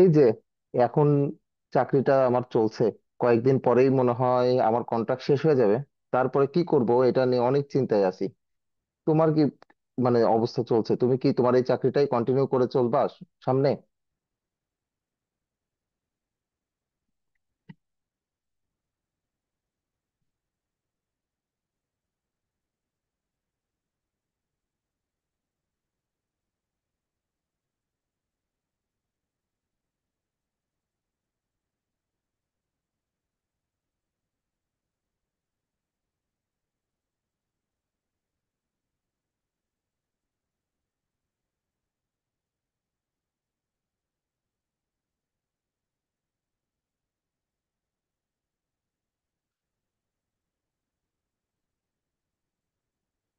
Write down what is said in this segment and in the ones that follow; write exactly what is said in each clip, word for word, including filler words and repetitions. এই যে এখন চাকরিটা আমার চলছে। কয়েকদিন পরেই মনে হয় আমার কন্ট্রাক্ট শেষ হয়ে যাবে। তারপরে কি করব এটা নিয়ে অনেক চিন্তায় আছি। তোমার কি মানে অবস্থা চলছে, তুমি কি তোমার এই চাকরিটাই কন্টিনিউ করে চলবা সামনে?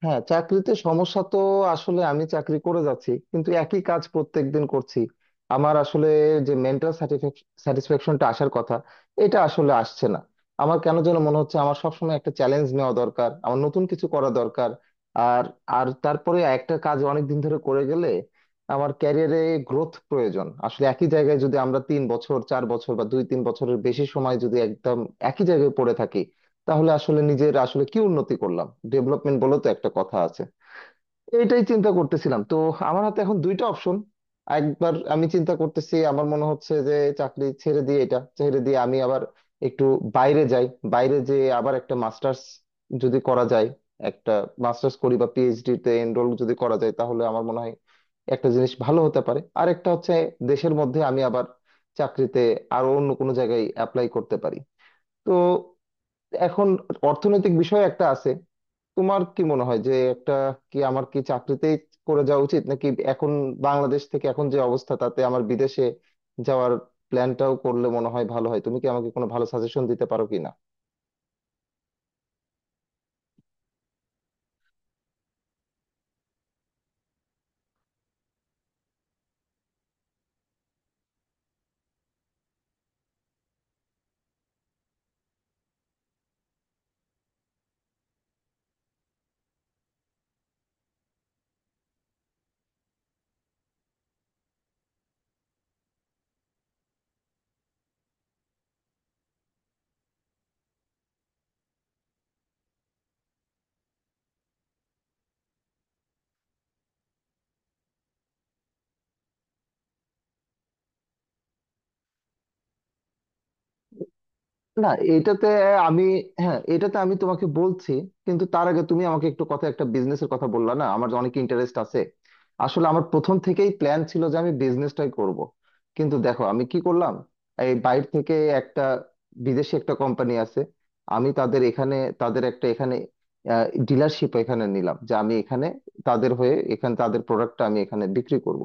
হ্যাঁ, চাকরিতে সমস্যা তো আসলে আমি চাকরি করে যাচ্ছি কিন্তু একই কাজ প্রত্যেকদিন করছি। আমার আসলে যে মেন্টাল স্যাটিসফ্যাকশনটা আসার কথা, এটা আসলে আসছে না। আমার কেন যেন মনে হচ্ছে আমার সবসময় একটা চ্যালেঞ্জ নেওয়া দরকার, আমার নতুন কিছু করা দরকার। আর আর তারপরে একটা কাজ অনেক দিন ধরে করে গেলে আমার ক্যারিয়ারে গ্রোথ প্রয়োজন। আসলে একই জায়গায় যদি আমরা তিন বছর চার বছর বা দুই তিন বছরের বেশি সময় যদি একদম একই জায়গায় পড়ে থাকি, তাহলে আসলে নিজের আসলে কি উন্নতি করলাম? ডেভেলপমেন্ট বলে তো একটা কথা আছে। এইটাই চিন্তা করতেছিলাম। তো আমার হাতে এখন দুইটা অপশন। একবার আমি চিন্তা করতেছি, আমার মনে হচ্ছে যে চাকরি ছেড়ে দিয়ে এটা ছেড়ে দিয়ে আমি আবার একটু বাইরে যাই। বাইরে যেয়ে আবার একটা মাস্টার্স যদি করা যায়, একটা মাস্টার্স করি বা পিএইচডি তে এনরোল যদি করা যায়, তাহলে আমার মনে হয় একটা জিনিস ভালো হতে পারে। আর একটা হচ্ছে দেশের মধ্যে আমি আবার চাকরিতে আরো অন্য কোনো জায়গায় অ্যাপ্লাই করতে পারি। তো এখন অর্থনৈতিক বিষয় একটা আছে। তোমার কি মনে হয় যে একটা কি আমার কি চাকরিতেই করে যাওয়া উচিত, নাকি এখন বাংলাদেশ থেকে এখন যে অবস্থা তাতে আমার বিদেশে যাওয়ার প্ল্যানটাও করলে মনে হয় ভালো হয়? তুমি কি আমাকে কোনো ভালো সাজেশন দিতে পারো কিনা? না, এটাতে আমি হ্যাঁ, এটাতে আমি তোমাকে বলছি, কিন্তু তার আগে তুমি আমাকে একটু কথা একটা বিজনেসের কথা বললা না, আমার অনেক ইন্টারেস্ট আছে। আসলে আমার প্রথম থেকেই প্ল্যান ছিল যে আমি বিজনেসটাই করব, কিন্তু দেখো আমি কি করলাম। এই বাইরে থেকে একটা বিদেশি একটা কোম্পানি আছে, আমি তাদের এখানে তাদের একটা এখানে ডিলারশিপ এখানে নিলাম যে আমি এখানে তাদের হয়ে এখানে তাদের প্রোডাক্টটা আমি এখানে বিক্রি করব।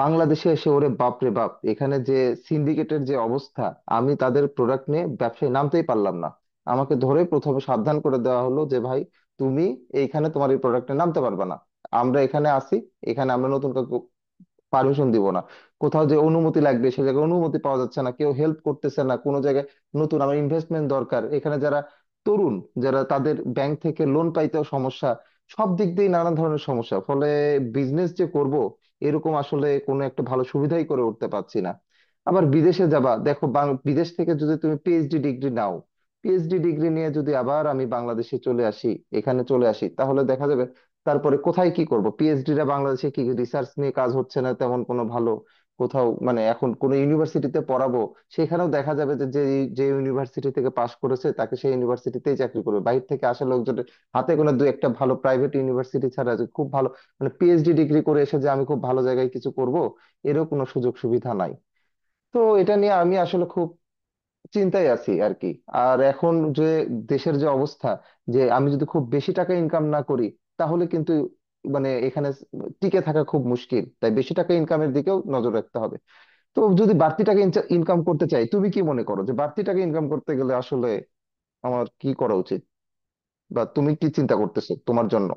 বাংলাদেশে এসে ওরে বাপ রে বাপ, এখানে যে সিন্ডিকেটের যে অবস্থা, আমি তাদের প্রোডাক্ট নিয়ে ব্যবসায় নামতেই পারলাম না। আমাকে ধরে প্রথমে সাবধান করে দেওয়া হলো যে ভাই, তুমি এইখানে তোমার এই প্রোডাক্টে নামতে পারবে না। আমরা এখানে আসি, এখানে আমরা নতুন কাউকে পারমিশন দিব না। কোথাও যে অনুমতি লাগবে সে জায়গায় অনুমতি পাওয়া যাচ্ছে না, কেউ হেল্প করতেছে না কোনো জায়গায়। নতুন আমার ইনভেস্টমেন্ট দরকার, এখানে যারা তরুণ যারা, তাদের ব্যাংক থেকে লোন পাইতেও সমস্যা। সব দিক দিয়ে নানা ধরনের সমস্যা, ফলে বিজনেস যে করব এরকম আসলে কোনো একটা ভালো সুবিধাই করে উঠতে পারছি না। আবার বিদেশে যাবা, দেখো বাং- বিদেশ থেকে যদি তুমি পিএইচডি ডিগ্রি নাও, পিএইচডি ডিগ্রি নিয়ে যদি আবার আমি বাংলাদেশে চলে আসি, এখানে চলে আসি, তাহলে দেখা যাবে তারপরে কোথায় কি করব। পিএইচডিরা বাংলাদেশে কি, রিসার্চ নিয়ে কাজ হচ্ছে না তেমন কোনো ভালো কোথাও, মানে এখন কোনো ইউনিভার্সিটিতে পড়াবো, সেখানেও দেখা যাবে যে যে যে ইউনিভার্সিটি থেকে পাশ করেছে তাকে সেই ইউনিভার্সিটিতেই চাকরি করবে, বাইরে থেকে আসা লোকজনের হাতে কোনো দু একটা ভালো প্রাইভেট ইউনিভার্সিটি ছাড়া যে খুব ভালো মানে পিএইচডি ডিগ্রি করে এসে যে আমি খুব ভালো জায়গায় কিছু করব, এরও কোনো সুযোগ সুবিধা নাই। তো এটা নিয়ে আমি আসলে খুব চিন্তায় আছি আর কি। আর এখন যে দেশের যে অবস্থা, যে আমি যদি খুব বেশি টাকা ইনকাম না করি, তাহলে কিন্তু মানে এখানে টিকে থাকা খুব মুশকিল। তাই বেশি টাকা ইনকামের দিকেও নজর রাখতে হবে। তো যদি বাড়তি টাকা ইনকাম করতে চাই, তুমি কি মনে করো যে বাড়তি টাকা ইনকাম করতে গেলে আসলে আমার কি করা উচিত, বা তুমি কি চিন্তা করতেছো তোমার জন্য?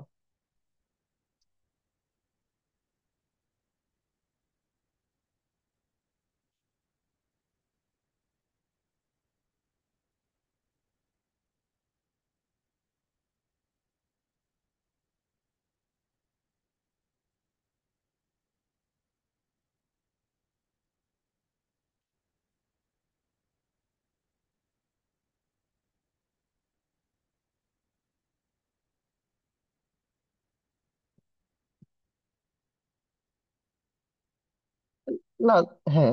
না। হ্যাঁ।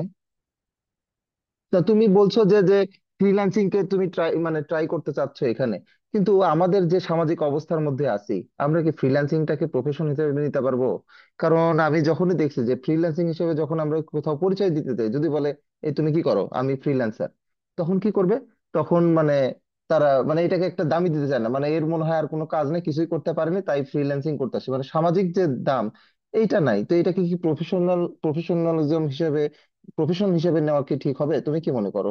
তা তুমি বলছো যে যে ফ্রিল্যান্সিং কে তুমি ট্রাই মানে ট্রাই করতে চাচ্ছ এখানে, কিন্তু আমাদের যে সামাজিক অবস্থার মধ্যে আছি, আমরা কি ফ্রিল্যান্সিং টাকে প্রফেশন হিসেবে মেনে নিতে পারবো? কারণ আমি যখনই দেখছি যে ফ্রিল্যান্সিং হিসেবে যখন আমরা কোথাও পরিচয় দিতে যাই, যদি বলে এই তুমি কি করো, আমি ফ্রিল্যান্সার, তখন কি করবে? তখন মানে তারা মানে এটাকে একটা দামই দিতে চায় না, মানে এর মনে হয় আর কোনো কাজ নেই, কিছুই করতে পারেনি তাই ফ্রিল্যান্সিং করতে আসে, মানে সামাজিক যে দাম এইটা নাই। তো এটাকে কি প্রফেশনাল প্রফেশনালিজম প্রফেশন হিসেবে নেওয়া কি ঠিক হবে? তুমি কি মনে করো?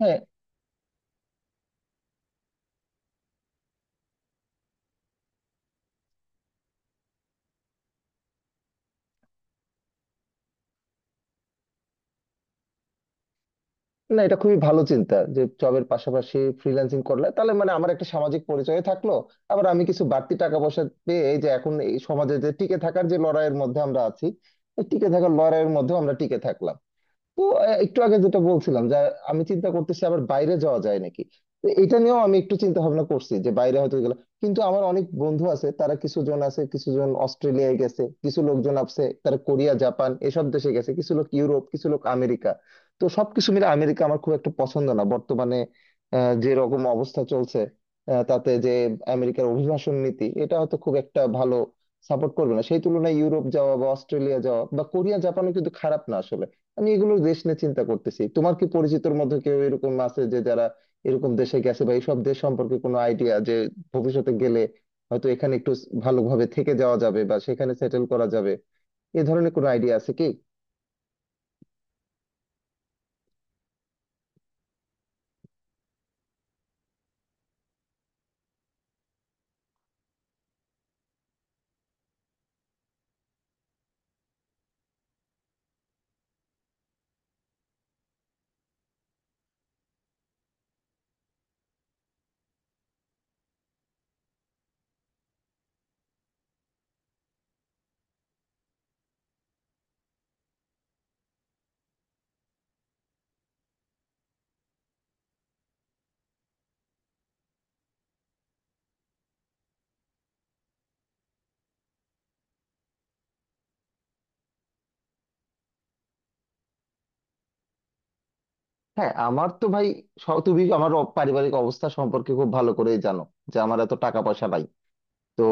হ্যাঁ। না, এটা খুবই ভালো চিন্তা যে জবের পাশাপাশি ফ্রিল্যান্সিং করলে তাহলে মানে আমার একটা সামাজিক পরিচয় থাকলো, আবার আমি কিছু বাড়তি টাকা পয়সা পেয়ে এই যে এখন এই সমাজে যে টিকে থাকার যে লড়াইয়ের মধ্যে আমরা আছি, এই টিকে থাকার লড়াইয়ের মধ্যে আমরা টিকে থাকলাম। তো আহ, একটু আগে যেটা বলছিলাম যে আমি চিন্তা করতেছি আবার বাইরে যাওয়া যায় নাকি, তো এটা নিয়েও আমি একটু চিন্তা ভাবনা করছি যে বাইরে হয়তো গেলাম, কিন্তু আমার অনেক বন্ধু আছে, তারা কিছু জন আছে, কিছু জন অস্ট্রেলিয়ায় গেছে, কিছু লোকজন আছে তারা কোরিয়া জাপান এসব দেশে গেছে, কিছু লোক ইউরোপ, কিছু লোক আমেরিকা। তো সবকিছু মিলে আমেরিকা আমার খুব একটা পছন্দ না বর্তমানে। আহ, যে রকম অবস্থা চলছে, আহ, তাতে যে আমেরিকার অভিবাসন নীতি এটা হয়তো খুব একটা ভালো সাপোর্ট করবে না। সেই তুলনায় ইউরোপ যাওয়া বা অস্ট্রেলিয়া যাওয়া বা কোরিয়া জাপানও কিন্তু খারাপ না আসলে। আমি এগুলোর দেশ নিয়ে চিন্তা করতেছি। তোমার কি পরিচিতর মধ্যে কেউ এরকম আছে যে যারা এরকম দেশে গেছে, বা এইসব দেশ সম্পর্কে কোনো আইডিয়া যে ভবিষ্যতে গেলে হয়তো এখানে একটু ভালোভাবে থেকে যাওয়া যাবে বা সেখানে সেটেল করা যাবে, এ ধরনের কোনো আইডিয়া আছে কি? হ্যাঁ আমার তো ভাই, স- তুমি আমার অ- পারিবারিক অবস্থা সম্পর্কে খুব ভালো করেই জানো যে আমার এত টাকা পয়সা নাই। তো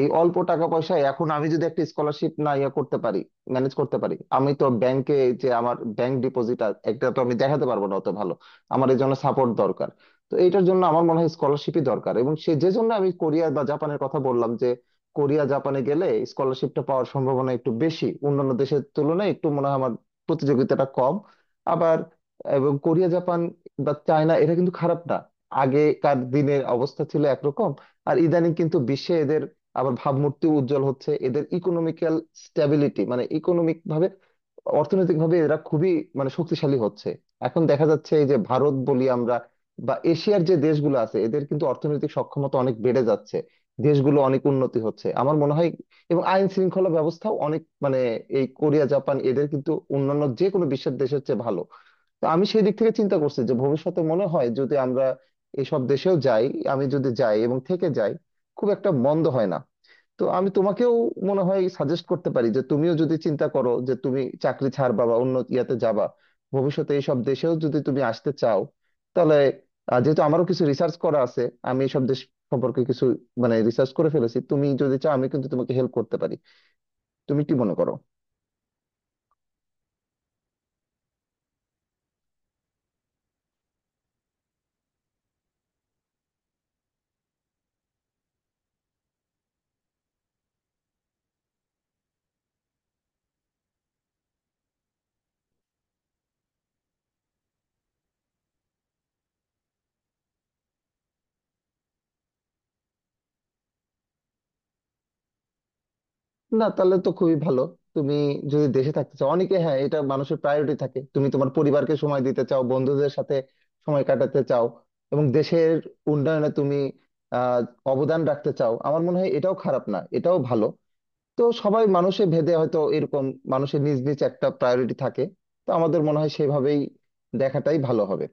এই অল্প টাকা পয়সায় এখন আমি যদি একটা স্কলারশিপ না ইয়ে করতে পারি, ম্যানেজ করতে পারি, আমি তো ব্যাংকে যে আমার ব্যাংক ডিপোজিট একটা তো আমি দেখাতে পারবো না অত ভালো। আমার এই জন্য সাপোর্ট দরকার। তো এটার জন্য আমার মনে হয় স্কলারশিপই দরকার। এবং সে যে জন্য আমি কোরিয়া বা জাপানের কথা বললাম যে কোরিয়া জাপানে গেলে স্কলারশিপটা পাওয়ার সম্ভাবনা একটু বেশি অন্যান্য দেশের তুলনায়, একটু মনে হয় আমার প্রতিযোগিতাটা কম। আবার এবং কোরিয়া জাপান বা চায়না এটা কিন্তু খারাপ না। আগেকার দিনের অবস্থা ছিল একরকম, আর ইদানিং কিন্তু বিশ্বে এদের আবার ভাবমূর্তি উজ্জ্বল হচ্ছে। এদের ইকোনমিক্যাল স্ট্যাবিলিটি মানে ইকোনমিক ভাবে অর্থনৈতিক ভাবে এরা খুবই মানে শক্তিশালী হচ্ছে। এখন দেখা যাচ্ছে এই যে ভারত বলি আমরা বা এশিয়ার যে দেশগুলো আছে, এদের কিন্তু অর্থনৈতিক সক্ষমতা অনেক বেড়ে যাচ্ছে, দেশগুলো অনেক উন্নতি হচ্ছে আমার মনে হয়। এবং আইন শৃঙ্খলা ব্যবস্থাও অনেক মানে এই কোরিয়া জাপান এদের কিন্তু অন্যান্য যে কোনো বিশ্বের দেশের চেয়ে ভালো। তো আমি সেই দিক থেকে চিন্তা করছি যে ভবিষ্যতে মনে হয় যদি আমরা এইসব দেশেও যাই, আমি যদি যাই এবং থেকে যাই, খুব একটা মন্দ হয় না। তো আমি তোমাকেও মনে হয় সাজেস্ট করতে পারি যে তুমিও যদি চিন্তা করো যে তুমি চাকরি ছাড়বা বা অন্য ইয়াতে যাবা, ভবিষ্যতে এইসব দেশেও যদি তুমি আসতে চাও তাহলে আহ, যেহেতু আমারও কিছু রিসার্চ করা আছে, আমি এইসব দেশ সম্পর্কে কিছু মানে রিসার্চ করে ফেলেছি, তুমি যদি চাও আমি কিন্তু তোমাকে হেল্প করতে পারি। তুমি কি মনে করো? না, তাহলে তো খুবই ভালো। তুমি যদি দেশে থাকতে চাও, অনেকে, হ্যাঁ এটা মানুষের প্রায়োরিটি থাকে, তুমি তোমার পরিবারকে সময় দিতে চাও, বন্ধুদের সাথে সময় কাটাতে চাও, এবং দেশের উন্নয়নে তুমি আহ অবদান রাখতে চাও, আমার মনে হয় এটাও খারাপ না, এটাও ভালো। তো সবাই মানুষে ভেদে হয়তো এরকম মানুষের নিজ নিজ একটা প্রায়োরিটি থাকে। তো আমাদের মনে হয় সেভাবেই দেখাটাই ভালো হবে।